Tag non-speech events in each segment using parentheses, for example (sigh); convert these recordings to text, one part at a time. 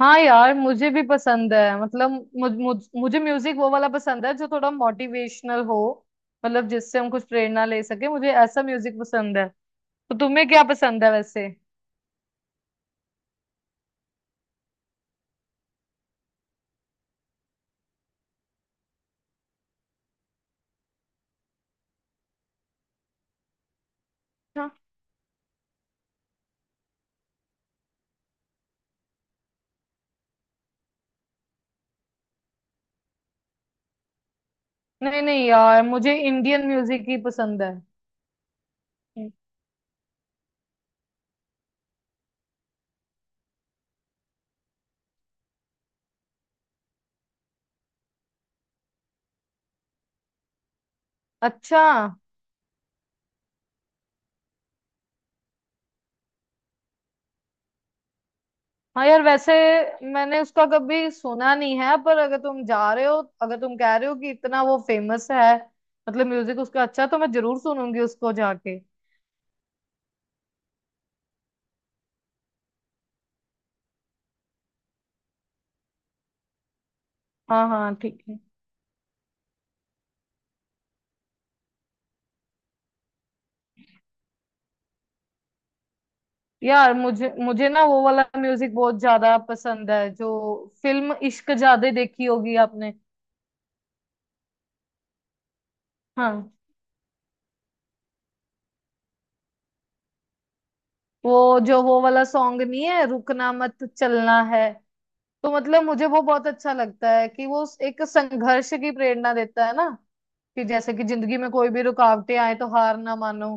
हाँ यार, मुझे भी पसंद है। मतलब मुझ, मुझ, मुझे म्यूजिक वो वाला पसंद है जो थोड़ा मोटिवेशनल हो। मतलब जिससे हम कुछ प्रेरणा ले सके, मुझे ऐसा म्यूजिक पसंद है। तो तुम्हें क्या पसंद है वैसे? हाँ। नहीं नहीं यार, मुझे इंडियन म्यूजिक ही पसंद है। हम्म। अच्छा। हाँ यार, वैसे मैंने उसका कभी सुना नहीं है, पर अगर तुम जा रहे हो, अगर तुम कह रहे हो कि इतना वो फेमस है, मतलब म्यूजिक उसका अच्छा, तो मैं जरूर सुनूंगी उसको जाके। हाँ हाँ ठीक है। यार मुझे मुझे ना वो वाला म्यूजिक बहुत ज्यादा पसंद है जो। फिल्म इश्क जादे देखी होगी आपने? हाँ। वो जो वो वाला सॉन्ग नहीं है, रुकना मत चलना है। तो मतलब मुझे वो बहुत अच्छा लगता है कि वो एक संघर्ष की प्रेरणा देता है ना। कि जैसे कि जिंदगी में कोई भी रुकावटें आए तो हार ना मानो।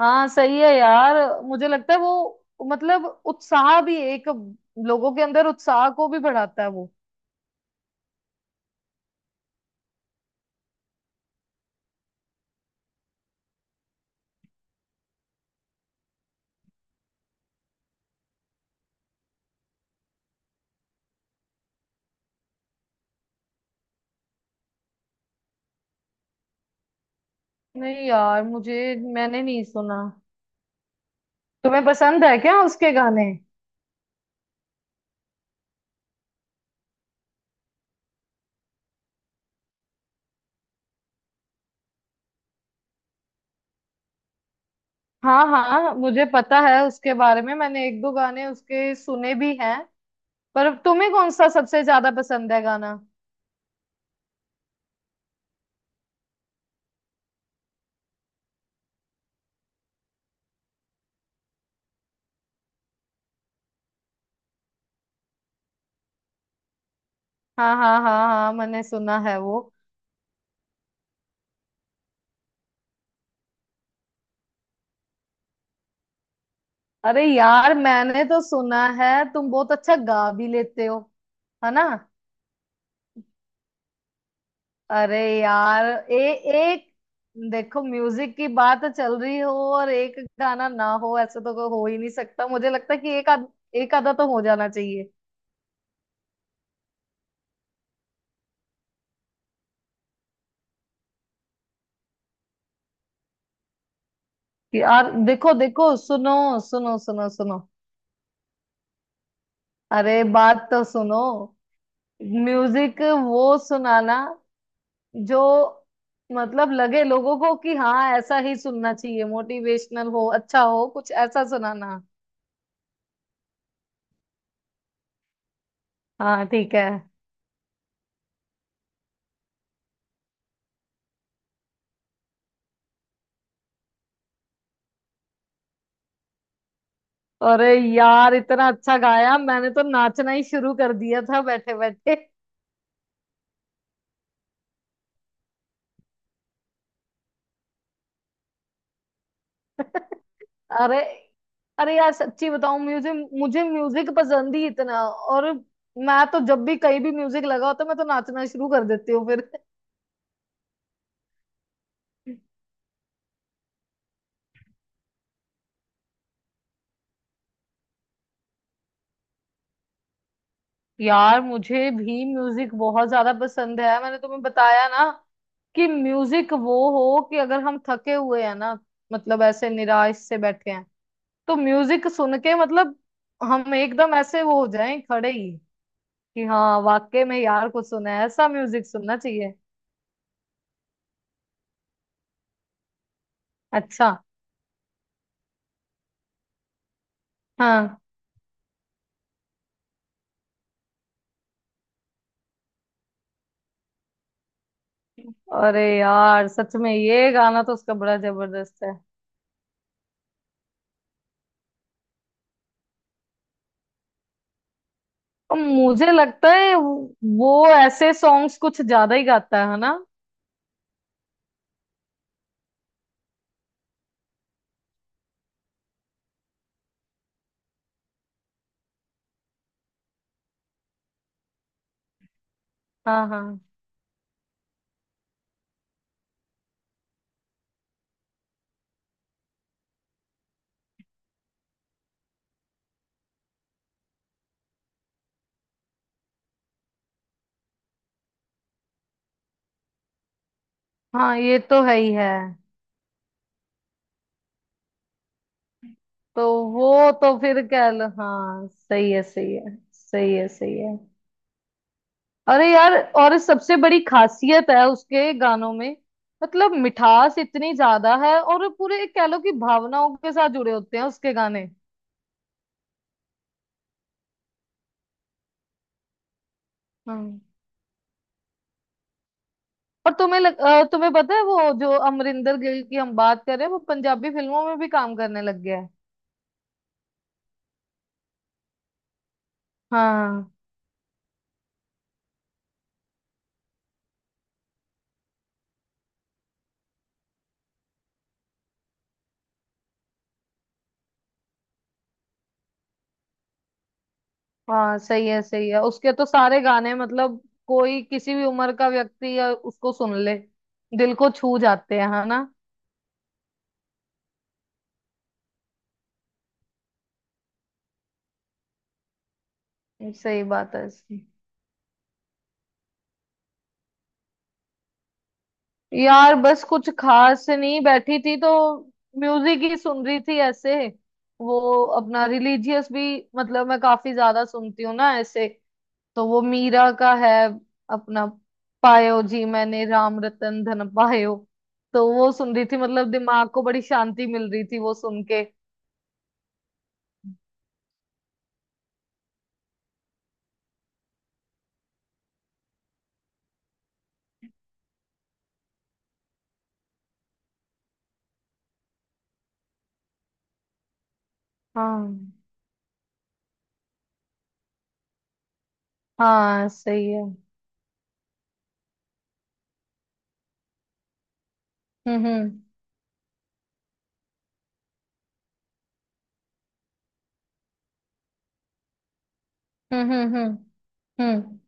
हाँ सही है यार, मुझे लगता है वो मतलब उत्साह भी एक, लोगों के अंदर उत्साह को भी बढ़ाता है वो। नहीं यार, मुझे मैंने नहीं सुना। तुम्हें पसंद है क्या उसके गाने? हाँ हाँ, मुझे पता है उसके बारे में, मैंने एक दो गाने उसके सुने भी हैं। पर तुम्हें कौन सा सबसे ज्यादा पसंद है गाना? हाँ हाँ हाँ हाँ, मैंने सुना है वो। अरे यार, मैंने तो सुना है तुम बहुत अच्छा गा भी लेते हो, है ना? अरे यार, ए, एक, देखो म्यूजिक की बात चल रही हो और एक गाना ना हो ऐसे तो कोई हो ही नहीं सकता। मुझे लगता है कि एक आध, एक आधा तो हो जाना चाहिए। यार देखो देखो, सुनो सुनो सुनो सुनो। अरे बात तो सुनो। म्यूजिक वो सुनाना जो, मतलब लगे लोगों को कि हाँ ऐसा ही सुनना चाहिए। मोटिवेशनल हो, अच्छा हो, कुछ ऐसा सुनाना। हाँ ठीक है। अरे यार, इतना अच्छा गाया, मैंने तो नाचना ही शुरू कर दिया था बैठे बैठे। (laughs) अरे, अरे यार सच्ची बताऊं, म्यूजिक, मुझे म्यूजिक पसंद ही इतना, और मैं तो जब भी कहीं भी म्यूजिक लगा होता है, मैं तो नाचना शुरू कर देती हूँ फिर। यार मुझे भी म्यूजिक बहुत ज्यादा पसंद है, मैंने तुम्हें बताया ना। कि म्यूजिक वो हो कि अगर हम थके हुए हैं ना, मतलब ऐसे निराश से बैठे हैं, तो म्यूजिक सुन के मतलब हम एकदम ऐसे वो हो जाएं खड़े ही। कि हाँ वाकई में यार, कुछ सुना है, ऐसा म्यूजिक सुनना चाहिए। अच्छा। हाँ। अरे यार सच में, ये गाना तो उसका बड़ा जबरदस्त है। और मुझे लगता है वो ऐसे सॉन्ग्स कुछ ज्यादा ही गाता है ना? हाँ हाँ। हाँ, ये तो है ही है। तो वो तो फिर कह लो, हाँ सही है सही है सही है सही है। अरे यार, और सबसे बड़ी खासियत है उसके गानों में, मतलब मिठास इतनी ज्यादा है, और पूरे कह लो कि भावनाओं के साथ जुड़े होते हैं उसके गाने। हाँ। और तुम्हें पता है वो जो अमरिंदर गिल की हम बात कर रहे हैं, वो पंजाबी फिल्मों में भी काम करने लग गया है। हाँ। हाँ सही है सही है, उसके तो सारे गाने मतलब, कोई किसी भी उम्र का व्यक्ति या उसको सुन ले, दिल को छू जाते हैं, है ना? सही बात है इसकी। यार बस कुछ खास नहीं, बैठी थी तो म्यूजिक ही सुन रही थी ऐसे। वो अपना रिलीजियस भी, मतलब मैं काफी ज्यादा सुनती हूँ ना ऐसे। तो वो मीरा का है अपना, पायो जी मैंने राम रतन धन पायो। तो वो सुन रही थी, मतलब दिमाग को बड़ी शांति मिल रही थी वो सुन के। हाँ हाँ सही है। हम्म हम्म हम्म हम्म हम्म हम्म।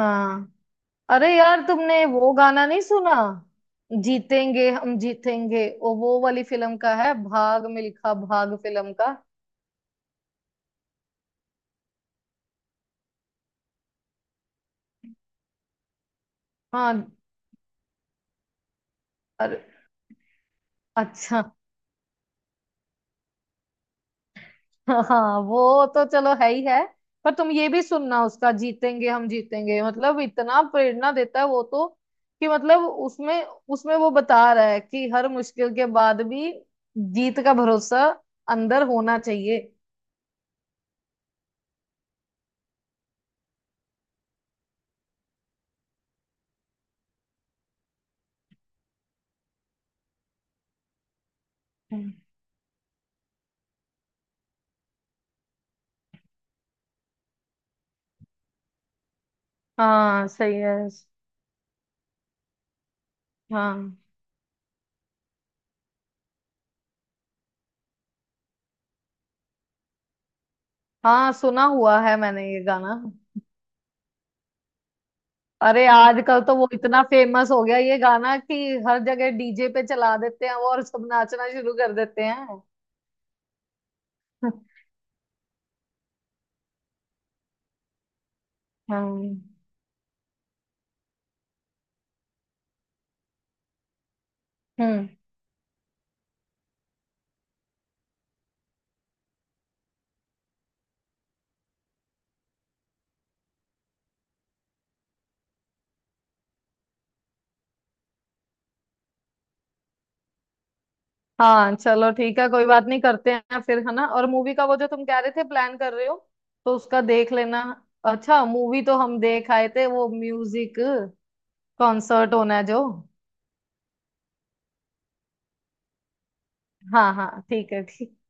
हाँ। अरे यार, तुमने वो गाना नहीं सुना, जीतेंगे हम जीतेंगे, वो वाली फिल्म का है, भाग मिल्खा भाग फिल्म का। हाँ। अरे अच्छा। हाँ वो तो चलो है ही है। पर तुम ये भी सुनना उसका, जीतेंगे हम जीतेंगे, मतलब इतना प्रेरणा देता है वो तो। कि मतलब उसमें उसमें वो बता रहा है कि हर मुश्किल के बाद भी, जीत का भरोसा अंदर होना चाहिए। हम्म। हाँ सही है। हाँ हाँ, सुना हुआ है मैंने ये गाना। अरे आजकल तो वो इतना फेमस हो गया ये गाना कि, हर जगह डीजे पे चला देते हैं वो और सब नाचना शुरू कर देते हैं। (laughs) हाँ। हम्म। हाँ चलो ठीक है, कोई बात नहीं, करते हैं फिर, है ना? और मूवी का वो जो तुम कह रहे थे प्लान कर रहे हो, तो उसका देख लेना। अच्छा मूवी तो हम देख आए थे, वो म्यूजिक कॉन्सर्ट होना है जो। हाँ हाँ ठीक है, ठीक।